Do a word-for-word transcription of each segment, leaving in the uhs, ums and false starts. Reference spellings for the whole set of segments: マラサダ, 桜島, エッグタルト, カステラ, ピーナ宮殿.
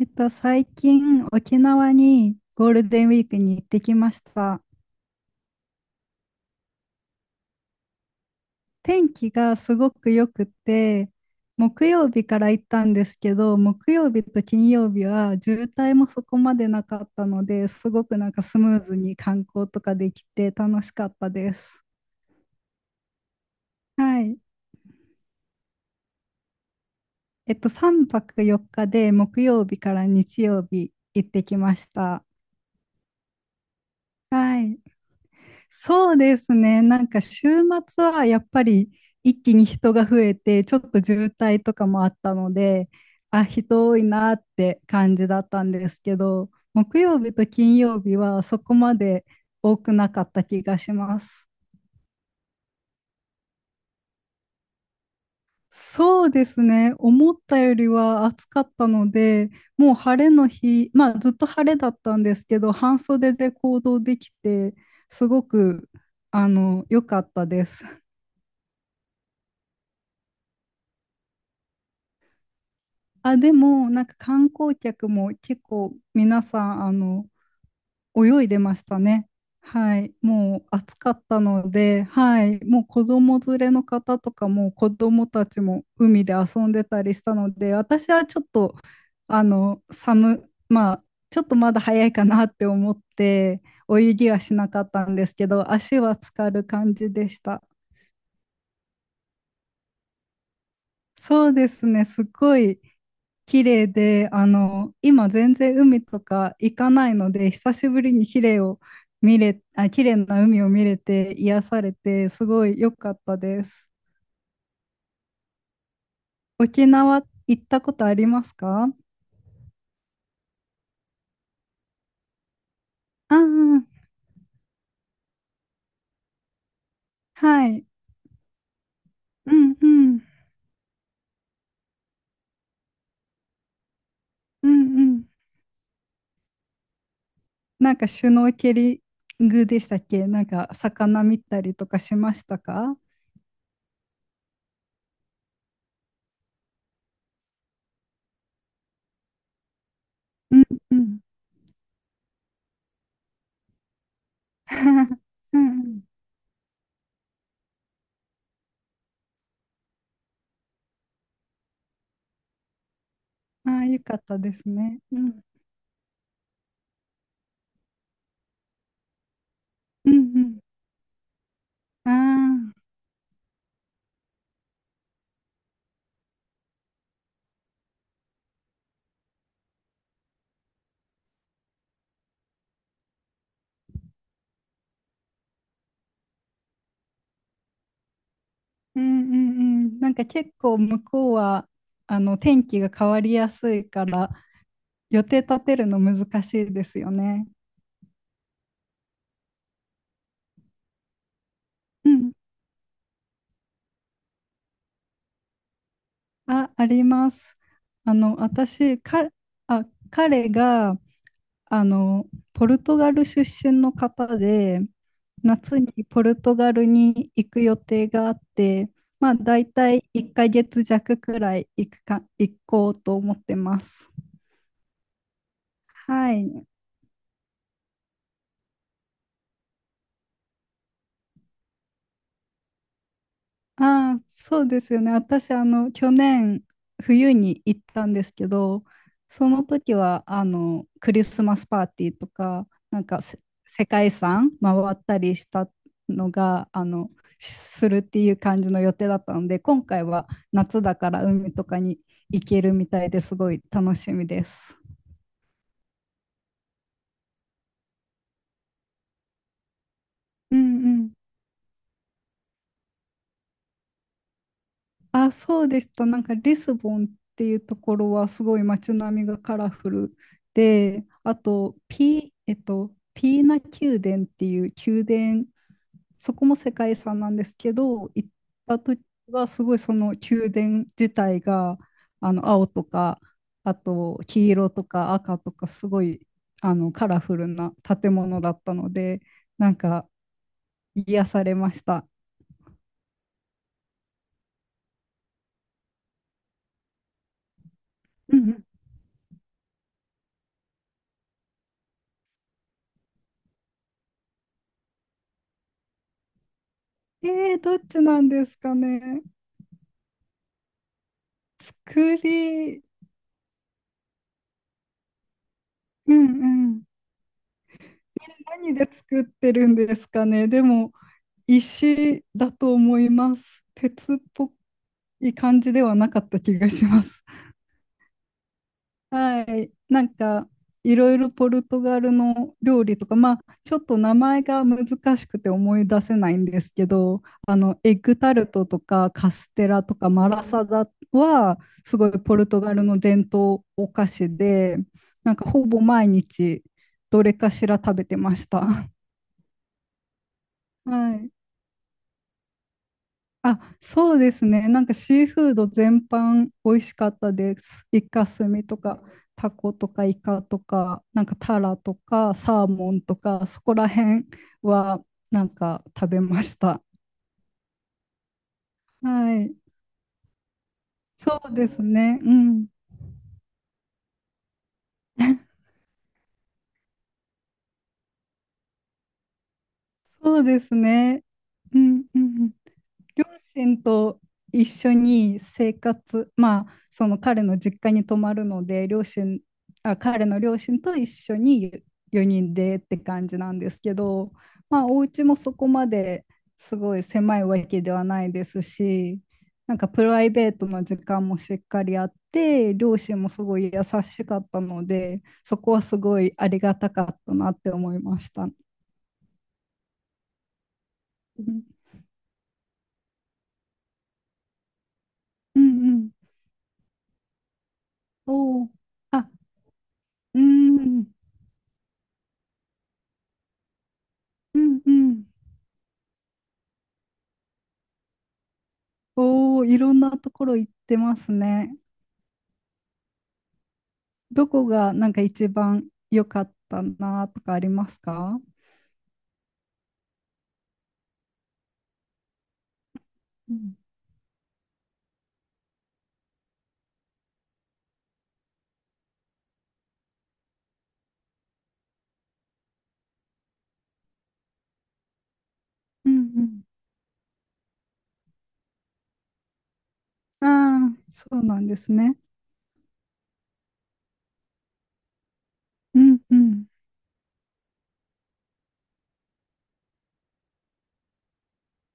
えっと、最近沖縄にゴールデンウィークに行ってきました。天気がすごく良くて、木曜日から行ったんですけど、木曜日と金曜日は渋滞もそこまでなかったので、すごくなんかスムーズに観光とかできて楽しかったです。はい。えっと、さんぱくよっかで木曜日から日曜日行ってきました。はい。そうですね。なんか週末はやっぱり一気に人が増えて、ちょっと渋滞とかもあったので、あ、人多いなって感じだったんですけど、木曜日と金曜日はそこまで多くなかった気がします。そうですね。思ったよりは暑かったので、もう晴れの日、まあずっと晴れだったんですけど、半袖で行動できて、すごく、あの、良かったです。あ、でも、なんか観光客も結構皆さん、あの、泳いでましたね。はい。もう暑かったので、はい。もう子供連れの方とかも子供たちも海で遊んでたりしたので、私はちょっと、あの、寒、まあ、ちょっとまだ早いかなって思って、泳ぎはしなかったんですけど、足は浸かる感じでした。そうですね。すごい綺麗で、あの、今全然海とか行かないので、久しぶりに綺麗を見れ、あ、綺麗な海を見れて癒されて、すごい良かったです。沖縄行ったことありますか？ああー、はい。うんうん。うんうん。なんかシュノーケリングでしたっけ、なんか魚見たりとかしましたか？うんうん。うんうん。ああ、よかったですね。うんうんうん。ああ。うんうんうん。なんか結構向こうはあの天気が変わりやすいから予定立てるの難しいですよね。うん。あ、あります。あの私か、あ、彼があのポルトガル出身の方で夏にポルトガルに行く予定があって、まあ大体いっかげつ弱くらい行くか、行こうと思ってます。はい。ああ、そうですよね。私、あの、去年、冬に行ったんですけど、その時は、あの、クリスマスパーティーとか、なんかせ、世界遺産回ったりしたのが、あの、しするっていう感じの予定だったので、今回は夏だから海とかに行けるみたいですごい楽しみです。うんうん。あ、そうでした。なんかリスボンっていうところはすごい街並みがカラフルで、あとピ、えっと、ピーナ宮殿っていう宮殿、そこも世界遺産なんですけど、行った時はすごいその宮殿自体があの青とか、あと黄色とか赤とかすごいあのカラフルな建物だったので、なんか癒されました。うんうん。えー、どっちなんですかね。作り、うんうん。何で作ってるんですかね。でも、石だと思います。鉄っぽい感じではなかった気がします。はい、なんかいろいろポルトガルの料理とか、まあ、ちょっと名前が難しくて思い出せないんですけど、あのエッグタルトとかカステラとかマラサダはすごいポルトガルの伝統お菓子で、なんかほぼ毎日どれかしら食べてました。はい。あ、そうですね。なんかシーフード全般美味しかったです。イカスミとか、タコとかイカとか、なんかタラとか、サーモンとか、そこら辺はなんか食べました。はい。そうですね。うん。そうですね。うんうんうん。両親と一緒に生活、まあ、その彼の実家に泊まるので、両親、あ、彼の両親と一緒によにんでって感じなんですけど、まあ、お家もそこまですごい狭いわけではないですし、なんかプライベートの時間もしっかりあって、両親もすごい優しかったので、そこはすごいありがたかったなって思いました。うんうんうん。おーあ、うん。うんうん。おお、いろんなところ行ってますね。どこがなんか一番良かったなとかありますか？うんうんうん。ああ、そうなんですね。うんうん。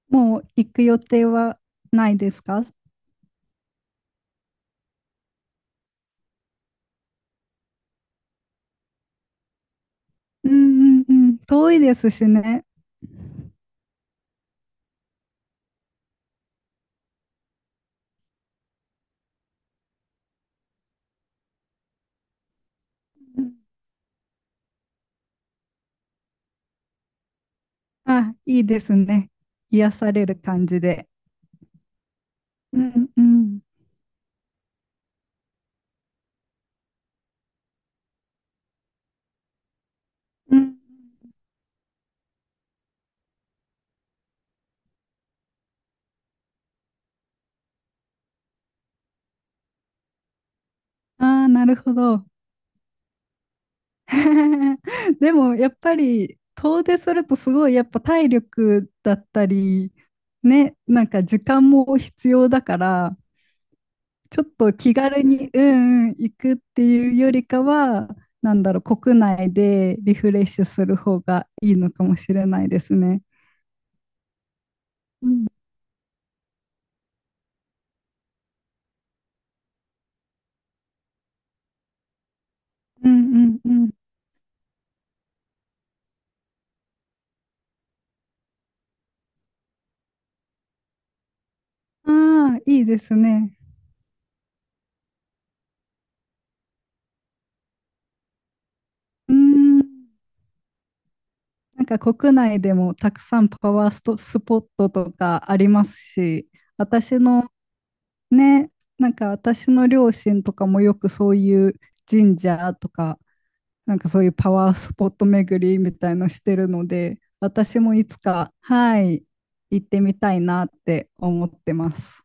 もう行く予定はないですか？うんうんうん。遠いですしね。うん、あ、いいですね。癒される感じで。うんうん。うん。ああ、なるほど。でもやっぱり遠出するとすごいやっぱ体力だったりね、なんか時間も必要だから、ちょっと気軽にうんうん行くっていうよりかは、なんだろう、国内でリフレッシュする方がいいのかもしれないですね。うんうんうんうん。ああ、いいですね。うーん。なんか国内でもたくさんパワーストスポットとかありますし、私のね、なんか私の両親とかもよくそういう神社とか、なんかそういうパワースポット巡りみたいのしてるので、私もいつか、はい、行ってみたいなって思ってます。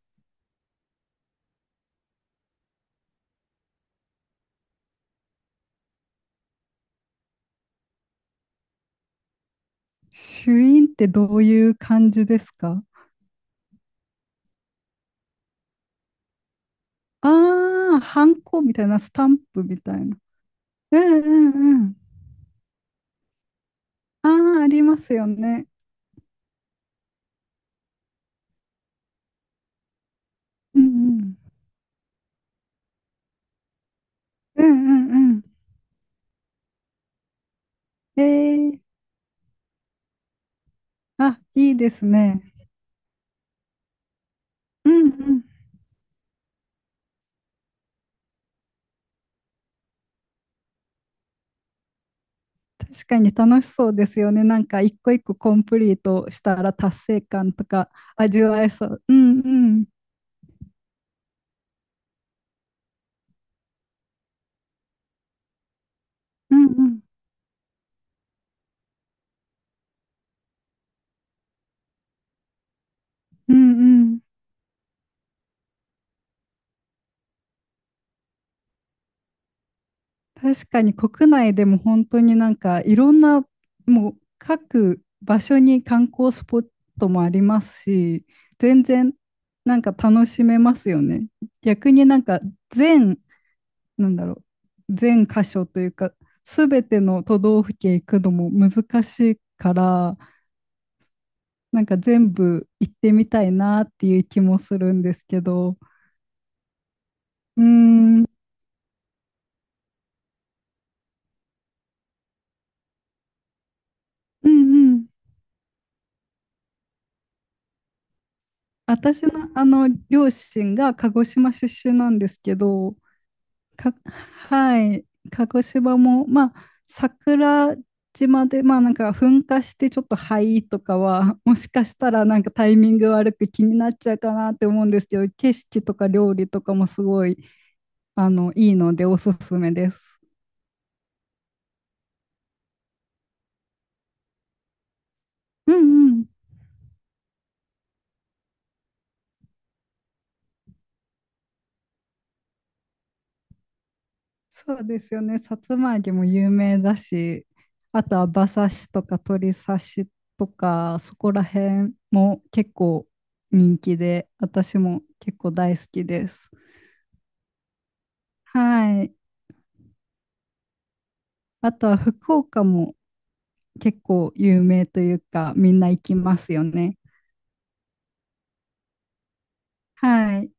朱印ってどういう感じですか？ああー、ハンコみたいな、スタンプみたいな。うんうんうん。ああ、ありますよね。うんうん。うんうんうん。えー、あ、いいですね。うんうん。確かに楽しそうですよね。なんか一個一個コンプリートしたら達成感とか味わえそう。うんうんうんうんうんうん。確かに国内でも本当になんかいろんなもう各場所に観光スポットもありますし、全然なんか楽しめますよね。逆になんか全、なんだろう、全箇所というか、すべての都道府県行くのも難しいから、なんか全部行ってみたいなっていう気もするんですけど、うーん、うんうん。私のあの両親が鹿児島出身なんですけど、か、はい、鹿児島も、まあ、桜島で、まあなんか噴火してちょっと灰とかは、もしかしたらなんかタイミング悪く気になっちゃうかなって思うんですけど、景色とか料理とかもすごい、あの、いいのでおすすめです。うんうん。そうですよね。さつま揚げも有名だし、あとは馬刺しとか鶏刺しとか、そこら辺も結構人気で、私も結構大好きです。はい。あとは福岡も結構有名というか、みんな行きますよね。はい。